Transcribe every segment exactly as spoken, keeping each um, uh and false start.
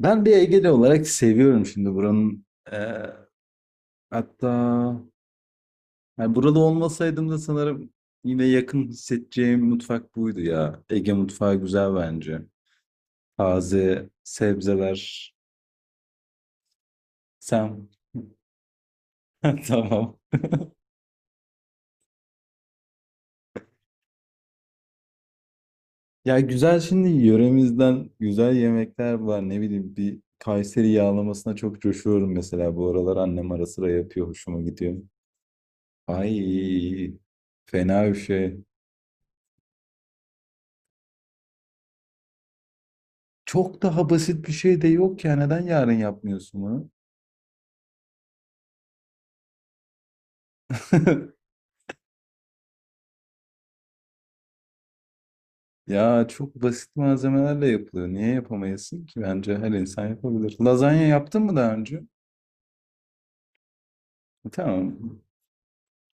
Ben bir Egeli olarak seviyorum şimdi buranın. eee, hatta yani burada olmasaydım da sanırım yine yakın hissedeceğim mutfak buydu ya. Ege mutfağı güzel bence. Taze sebzeler. Sen tamam. Ya güzel şimdi yöremizden güzel yemekler var. Ne bileyim bir Kayseri yağlamasına çok coşuyorum mesela. Bu aralar annem ara sıra yapıyor. Hoşuma gidiyor. Ay fena bir şey. Çok daha basit bir şey de yok ya. Neden yarın yapmıyorsun bunu? Ya çok basit malzemelerle yapılıyor. Niye yapamayasın ki? Bence her insan yapabilir. Lazanya yaptın mı daha önce? Tamam.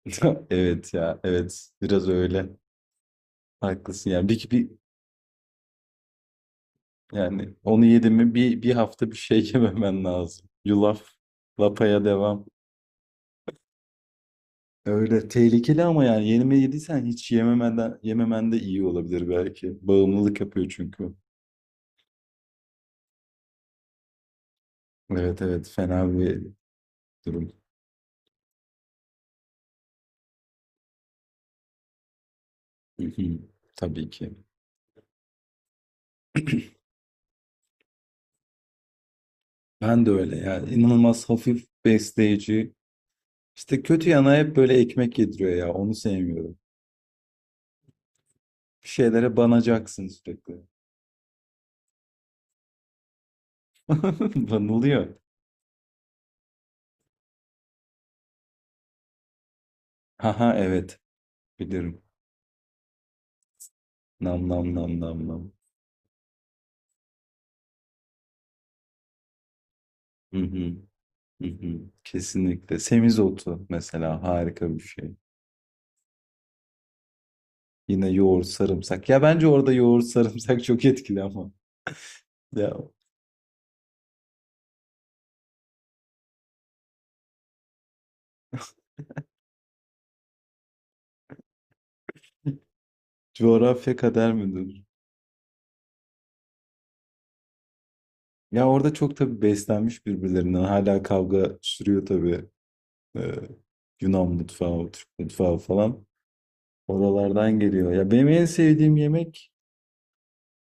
Evet ya. Evet. Biraz öyle. Haklısın. Yani bir, bir yani onu yedim mi bir, bir hafta bir şey yememen lazım. Yulaf. Lapaya devam. Öyle tehlikeli ama yani yenime yediysen hiç yememeden yememen de iyi olabilir belki. Bağımlılık yapıyor çünkü. Evet evet fena bir durum. Hı hı. Tabii ki. Ben de öyle ya. İnanılmaz hafif besleyici. İşte kötü yana hep böyle ekmek yediriyor ya. Onu sevmiyorum. Bir şeylere banacaksın sürekli. Banılıyor. Haha evet. Bilirim. Nam nam nam nam nam. Hı hı, hı hı. Kesinlikle. Semizotu mesela harika bir şey. Yine yoğurt sarımsak. Ya bence orada yoğurt sarımsak çok etkili ama. Ya coğrafya kader midir? Ya orada çok tabii beslenmiş birbirlerinden. Hala kavga sürüyor tabii. Ee, Yunan mutfağı, Türk mutfağı falan. Oralardan geliyor. Ya benim en sevdiğim yemek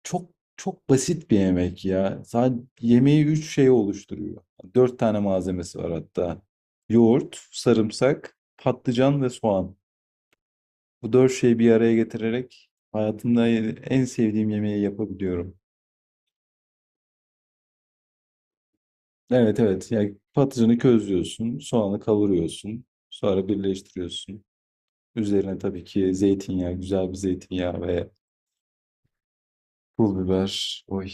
çok çok basit bir yemek ya. Sadece yemeği üç şey oluşturuyor. Dört tane malzemesi var hatta. Yoğurt, sarımsak, patlıcan ve soğan. Bu dört şeyi bir araya getirerek hayatımda en sevdiğim yemeği yapabiliyorum. Evet evet. Yani patlıcanı közlüyorsun, soğanı kavuruyorsun, sonra birleştiriyorsun. Üzerine tabii ki zeytinyağı, güzel bir zeytinyağı ve pul biber. Oy.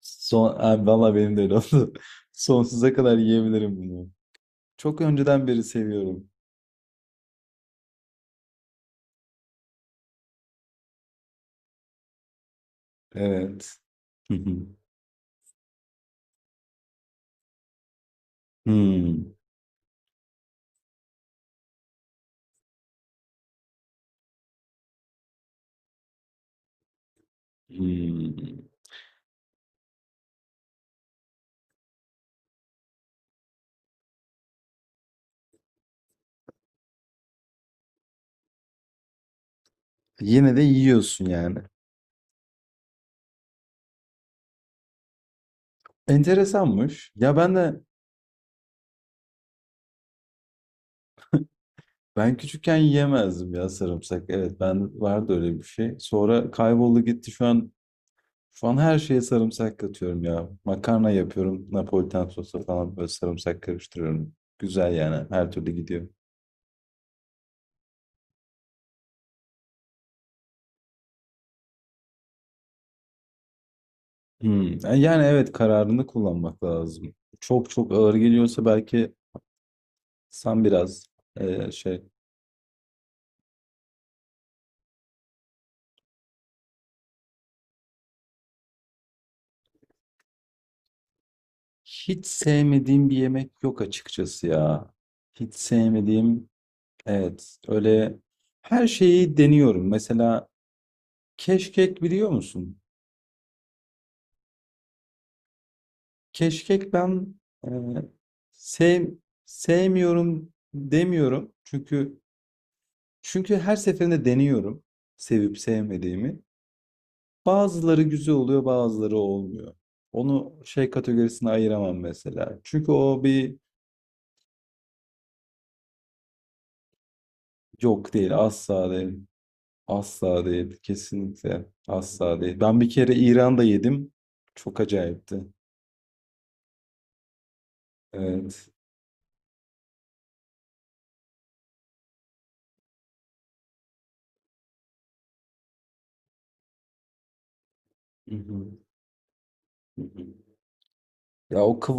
Son, abi valla benim de öyle oldu. Sonsuza kadar yiyebilirim bunu. Çok önceden beri seviyorum. Evet. Hı hı. Hmm. Hmm. Yine de yiyorsun yani. Enteresanmış. Ya ben de ben küçükken yiyemezdim ya sarımsak. Evet ben vardı öyle bir şey. Sonra kayboldu gitti şu an. Şu an her şeye sarımsak katıyorum ya. Makarna yapıyorum. Napolitan sosu falan böyle sarımsak karıştırıyorum. Güzel yani. Her türlü gidiyor. Hmm. Yani evet kararını kullanmak lazım. Çok çok ağır geliyorsa belki sen biraz e, şey. Hiç sevmediğim bir yemek yok açıkçası ya. Hiç sevmediğim evet öyle her şeyi deniyorum. Mesela keşkek biliyor musun? Keşkek ben e, sev, sevmiyorum demiyorum. Çünkü çünkü her seferinde deniyorum sevip sevmediğimi. Bazıları güzel oluyor, bazıları olmuyor. Onu şey kategorisine ayıramam mesela. Çünkü o bir yok değil, asla değil. Asla değil, kesinlikle asla değil. Ben bir kere İran'da yedim. Çok acayipti. Evet. Hı hı, hı hı. Ya o kıv,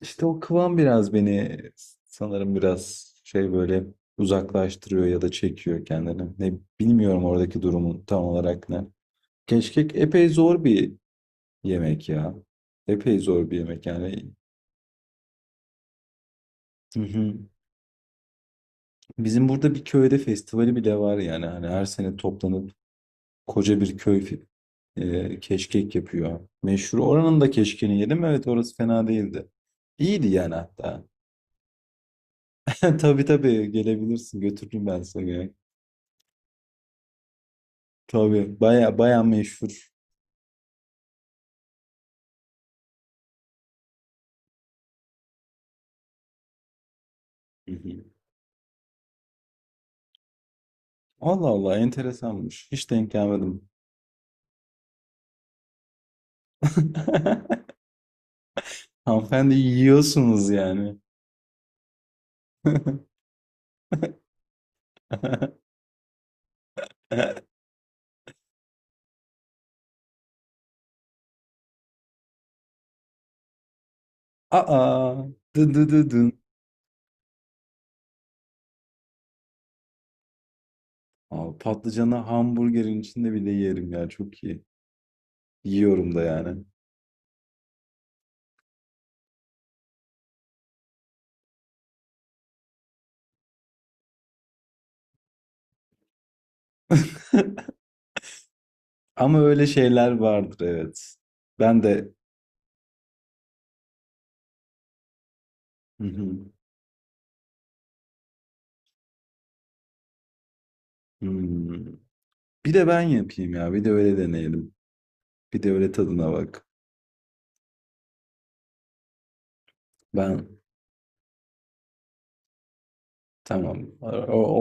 İşte o kıvam biraz beni sanırım biraz şey böyle uzaklaştırıyor ya da çekiyor kendini. Ne bilmiyorum oradaki durumun tam olarak ne. Keşkek epey zor bir yemek ya. Epey zor bir yemek yani. Hı hı. Bizim burada bir köyde festivali bile var yani. Hani her sene toplanıp koca bir köy fi- e, keşkek yapıyor. Meşhur. Oranın da keşkeni yedim. Evet orası fena değildi. İyiydi yani hatta. Tabii tabii gelebilirsin. Götürürüm ben seni. Tabii baya baya meşhur. Hı hı. Allah Allah enteresanmış. Hiç denk gelmedim. Hanımefendi yiyorsunuz yani. Aa, dı dı dı dın. Abi patlıcanı hamburgerin içinde bile yerim ya çok iyi. Yiyorum da yani. Ama öyle şeyler vardır evet. Ben de. Hı hı. Hmm. Bir de ben yapayım ya. Bir de öyle deneyelim. Bir de öyle tadına bak. Ben tamam. O,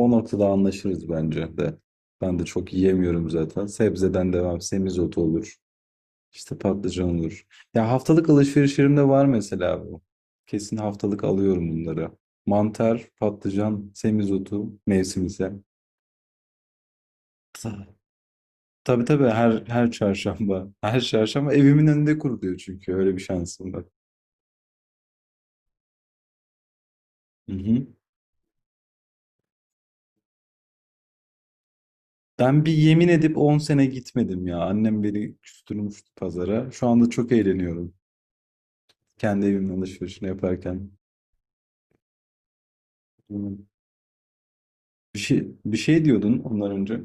o noktada anlaşırız bence de. Ben de çok yiyemiyorum zaten. Sebzeden devam. Semizotu olur. İşte patlıcan olur. Ya haftalık alışverişlerimde var mesela bu. Kesin haftalık alıyorum bunları. Mantar, patlıcan, semizotu, mevsimsel. Ta- Tabii tabii her her çarşamba. Her çarşamba evimin önünde kuruluyor çünkü öyle bir şansım var. Hı hı. Ben bir yemin edip on sene gitmedim ya. Annem beni küstürmüştü pazara. Şu anda çok eğleniyorum. Kendi evimin alışverişini yaparken. Hmm. Bir şey, bir şey diyordun ondan önce.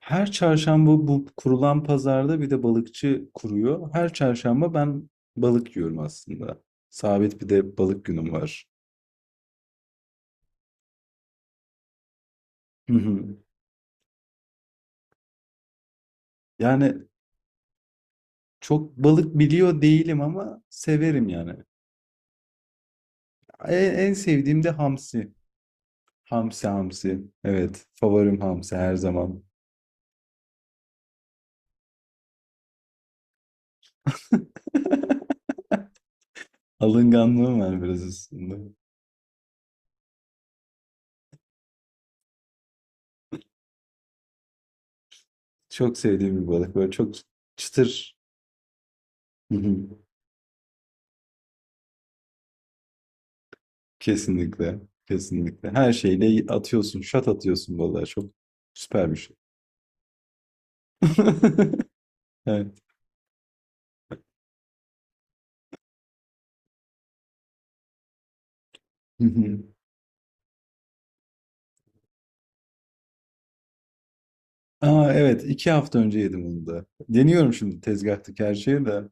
Her çarşamba bu kurulan pazarda bir de balıkçı kuruyor. Her çarşamba ben balık yiyorum aslında. Sabit bir de balık günüm var. Hı hı. Yani çok balık biliyor değilim ama severim yani. En, en sevdiğim de hamsi. Hamsi hamsi. Evet, favorim hamsi her zaman. Alınganlığım var biraz üstünde. Çok sevdiğim bir balık. Böyle çok çıtır. Hı hı. Kesinlikle. Kesinlikle. Her şeyle atıyorsun. Şat atıyorsun vallahi. Çok süper bir şey. Evet. Hı hı. Aa evet. iki hafta önce yedim onu da. Deniyorum şimdi tezgahtaki her şeyi de.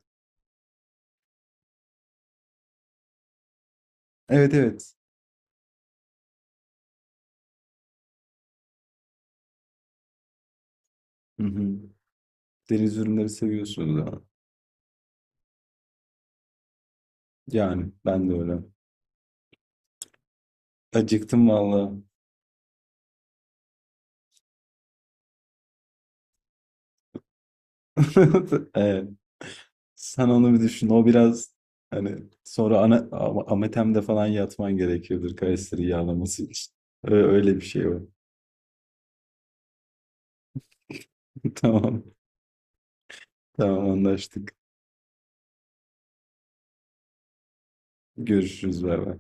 Evet evet. Hı hı. Deniz ürünleri seviyorsunuz ama. Yani ben de öyle. Acıktım vallahi. Evet. Sen onu bir düşün. O biraz hani sonra ana, ama- ametemde falan yatman gerekiyordur Kayseri yağlaması için. Ö- Öyle bir şey var. Tamam. Tamam anlaştık. Görüşürüz. Bay bay.